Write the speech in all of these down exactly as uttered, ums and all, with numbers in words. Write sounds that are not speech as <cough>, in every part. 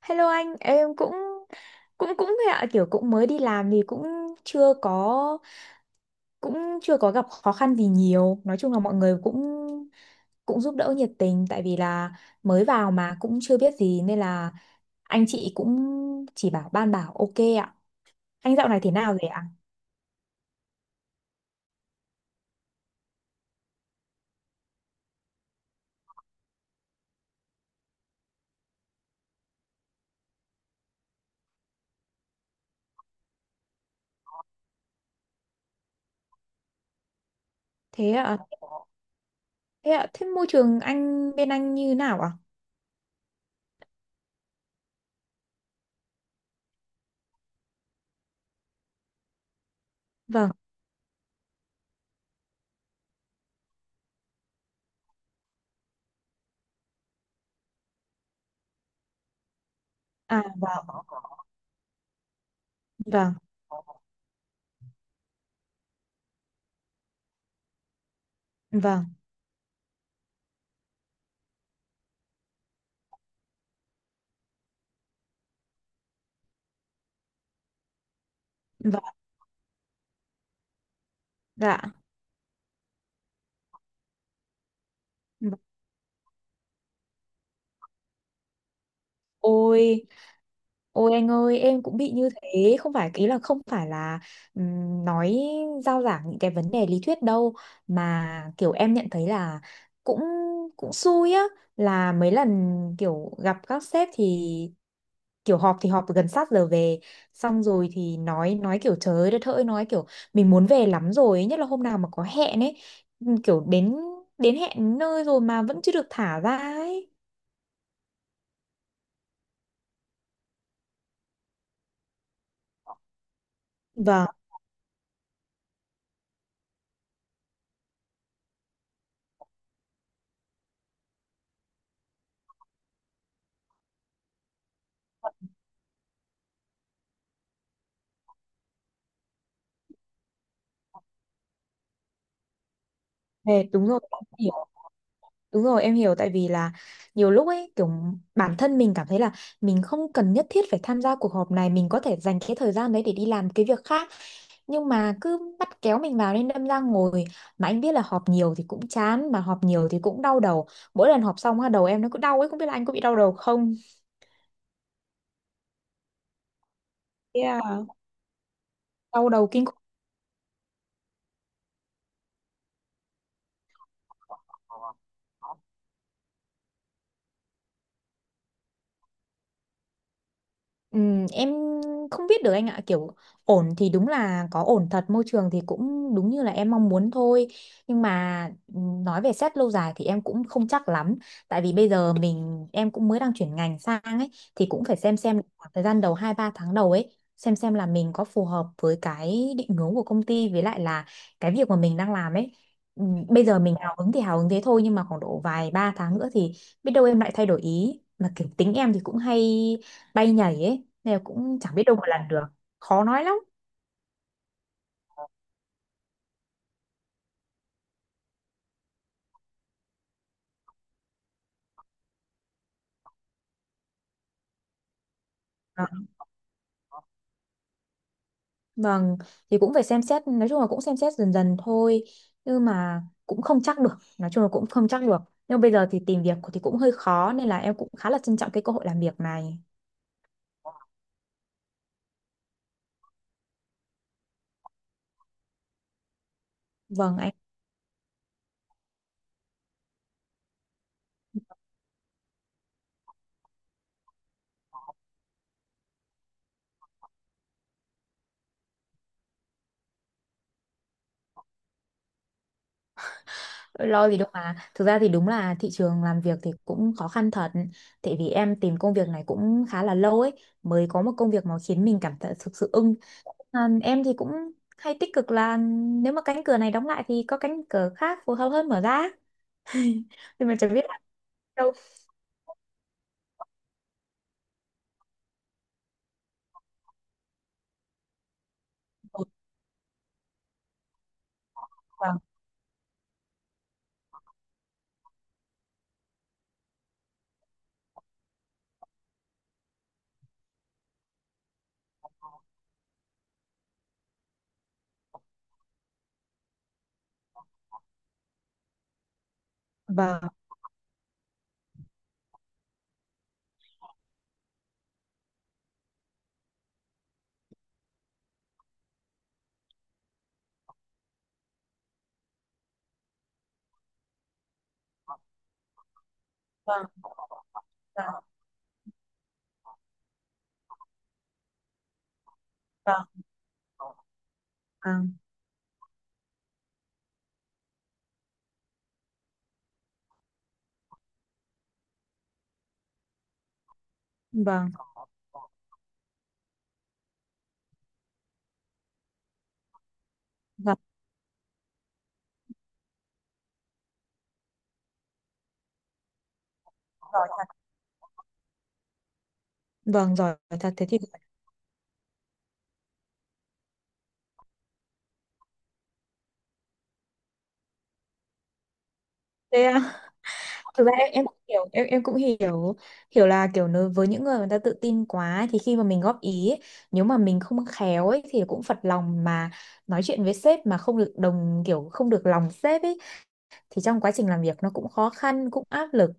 Hello anh, em cũng cũng cũng thế ạ, kiểu cũng mới đi làm thì cũng chưa có cũng chưa có gặp khó khăn gì nhiều. Nói chung là mọi người cũng cũng giúp đỡ nhiệt tình, tại vì là mới vào mà cũng chưa biết gì nên là anh chị cũng chỉ bảo ban bảo ok ạ. Anh dạo này thế nào rồi ạ? Thế ạ, thế ạ, thế môi trường anh bên anh như nào ạ? Vâng, à vâng, vâng, vâng, vâng, dạ. Ôi, ôi anh ơi, em cũng bị như thế, không phải ý là không phải là ừm, nói giao giảng những cái vấn đề lý thuyết đâu, mà kiểu em nhận thấy là cũng cũng xui á, là mấy lần kiểu gặp các sếp thì kiểu họp thì họp gần sát giờ về, xong rồi thì nói nói kiểu trời đất ơi, nói kiểu mình muốn về lắm rồi ấy, nhất là hôm nào mà có hẹn ấy, kiểu đến đến hẹn nơi rồi mà vẫn chưa được thả ra ấy. Vâng, mệt, đúng rồi. Đúng rồi, em hiểu, tại vì là nhiều lúc ấy kiểu bản thân mình cảm thấy là mình không cần nhất thiết phải tham gia cuộc họp này, mình có thể dành cái thời gian đấy để đi làm cái việc khác, nhưng mà cứ bắt kéo mình vào nên đâm ra ngồi, mà anh biết là họp nhiều thì cũng chán mà họp nhiều thì cũng đau đầu. Mỗi lần họp xong á, đầu em nó cứ đau ấy, không biết là anh có bị đau đầu không? Yeah. Đau đầu kinh khủng. Ừm, em không biết được anh ạ, kiểu ổn thì đúng là có ổn thật, môi trường thì cũng đúng như là em mong muốn thôi, nhưng mà ừm, nói về xét lâu dài thì em cũng không chắc lắm, tại vì bây giờ mình em cũng mới đang chuyển ngành sang ấy, thì cũng phải xem xem khoảng thời gian đầu, hai ba tháng đầu ấy, xem xem là mình có phù hợp với cái định hướng của công ty với lại là cái việc mà mình đang làm ấy. Ừm, bây giờ mình hào hứng thì hào hứng thế thôi, nhưng mà khoảng độ vài ba tháng nữa thì biết đâu em lại thay đổi ý, mà kiểu tính em thì cũng hay bay nhảy ấy, nên là cũng chẳng biết đâu mà làm được, khó nói lắm. Ờ, vâng, thì cũng phải xem xét, nói chung là cũng xem xét dần dần thôi, nhưng mà cũng không chắc được, nói chung là cũng không chắc được, nhưng bây giờ thì tìm việc thì cũng hơi khó nên là em cũng khá là trân trọng cái cơ hội làm việc này. Vâng anh, lo gì đâu mà, thực ra thì đúng là thị trường làm việc thì cũng khó khăn thật, tại vì em tìm công việc này cũng khá là lâu ấy, mới có một công việc mà khiến mình cảm thấy thực sự ưng. À, em thì cũng hay tích cực là nếu mà cánh cửa này đóng lại thì có cánh cửa khác phù hợp hơn mở ra, nhưng mà chẳng biết là đâu. Ừ, vâng vâng vâng vâng vâng vâng vâng vâng giỏi thật. Vâng giỏi thật, thế thì thế à, thực ra em, em cũng hiểu em em cũng hiểu, hiểu là kiểu nếu với những người người ta tự tin quá ấy, thì khi mà mình góp ý ấy, nếu mà mình không khéo ấy thì cũng phật lòng, mà nói chuyện với sếp mà không được đồng kiểu không được lòng sếp ấy, thì trong quá trình làm việc nó cũng khó khăn, cũng áp lực.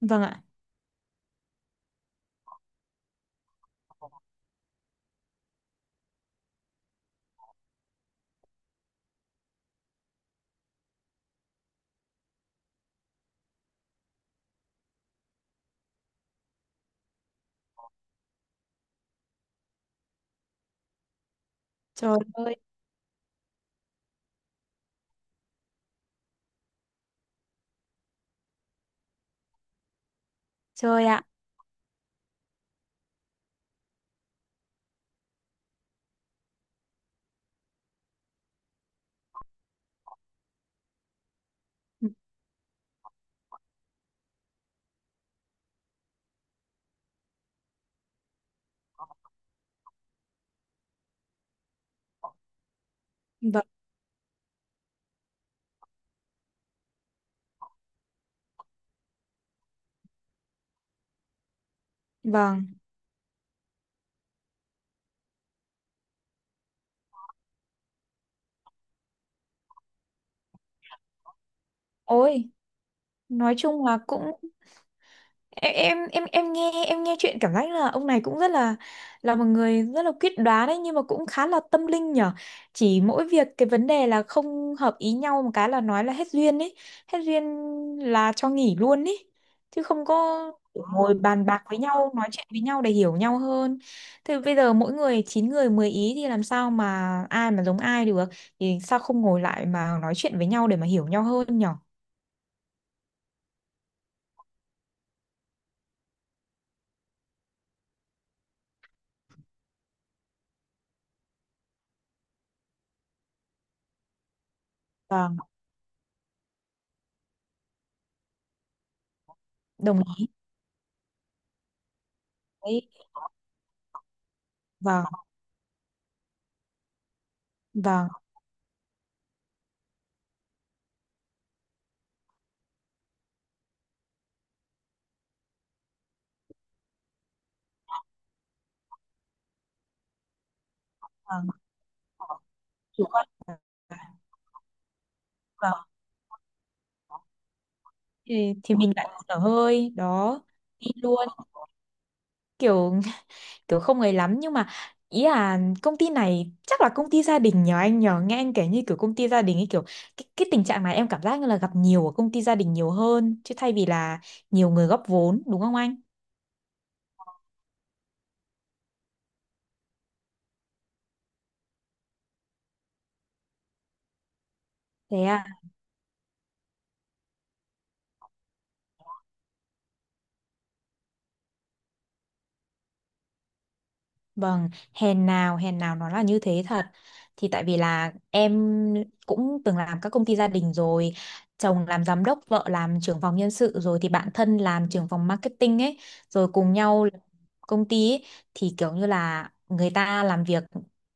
Vâng ạ, trời ơi, vâng, vâng, ôi, nói chung là cũng em em em em nghe, em nghe chuyện cảm giác là ông này cũng rất là là một người rất là quyết đoán đấy, nhưng mà cũng khá là tâm linh nhở, chỉ mỗi việc cái vấn đề là không hợp ý nhau một cái là nói là hết duyên ấy, hết duyên là cho nghỉ luôn ấy, chứ không có ngồi bàn bạc với nhau nói chuyện với nhau để hiểu nhau hơn, thì bây giờ mỗi người chín người mười ý thì làm sao mà ai mà giống ai được, thì sao không ngồi lại mà nói chuyện với nhau để mà hiểu nhau hơn nhở. Vâng, đồng ý. Đấy, vâng, vâng, chủ quan cả. Vào thì, thì mình lại thở hơi đó, đi luôn, kiểu kiểu không ấy lắm, nhưng mà ý là công ty này chắc là công ty gia đình nhờ anh, nhờ nghe anh kể như kiểu công ty gia đình ấy, kiểu cái, cái tình trạng này em cảm giác như là gặp nhiều ở công ty gia đình nhiều hơn, chứ thay vì là nhiều người góp vốn, đúng không anh? Thế à. Vâng, hèn nào, hèn nào nó là như thế thật. Thì tại vì là em cũng từng làm các công ty gia đình rồi, chồng làm giám đốc, vợ làm trưởng phòng nhân sự rồi thì bạn thân làm trưởng phòng marketing ấy, rồi cùng nhau làm công ty ấy, thì kiểu như là người ta làm việc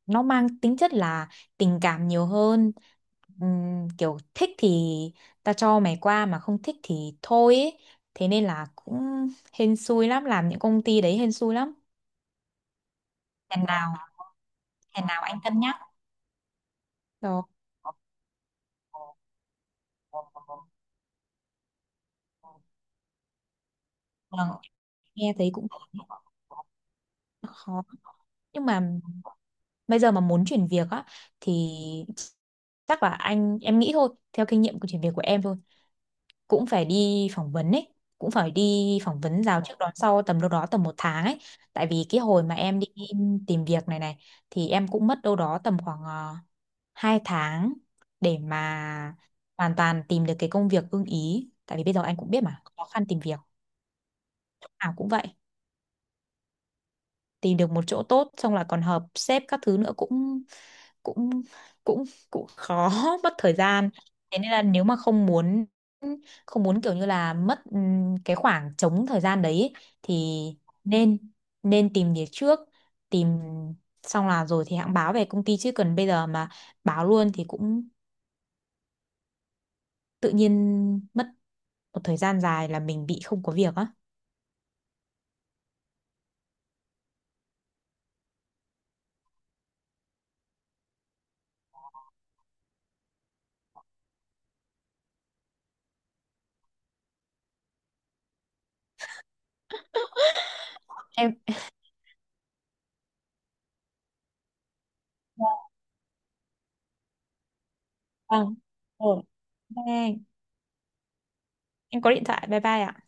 nó mang tính chất là tình cảm nhiều hơn. Ừm, kiểu thích thì ta cho mày qua, mà không thích thì thôi ấy. Thế nên là cũng hên xui lắm, làm những công ty đấy hèn xui lắm. Hèn nào thế nào anh cân nhắc. Đó. Vâng, nghe thấy cũng khó, nhưng mà bây giờ mà muốn chuyển việc á thì chắc là anh, em nghĩ thôi theo kinh nghiệm của chuyển việc của em thôi, cũng phải đi phỏng vấn ấy, cũng phải đi phỏng vấn rào trước đón sau tầm đâu đó tầm một tháng ấy. Tại vì cái hồi mà em đi tìm việc này này, thì em cũng mất đâu đó tầm khoảng ờ, hai tháng để mà hoàn toàn tìm được cái công việc ưng ý. Tại vì bây giờ anh cũng biết mà, khó khăn tìm việc, nào cũng vậy. Tìm được một chỗ tốt xong là còn hợp sếp các thứ nữa cũng cũng cũng cũng khó <laughs> mất thời gian. Thế nên là nếu mà không muốn không muốn kiểu như là mất ừm, cái khoảng trống thời gian đấy ấy, thì nên nên tìm việc trước, tìm xong là rồi thì hãng báo về công ty, chứ cần bây giờ mà báo luôn thì cũng tự nhiên mất một thời gian dài là mình bị không có việc á. Em, vâng, ừ. Bye, em có điện thoại, bye bye ạ.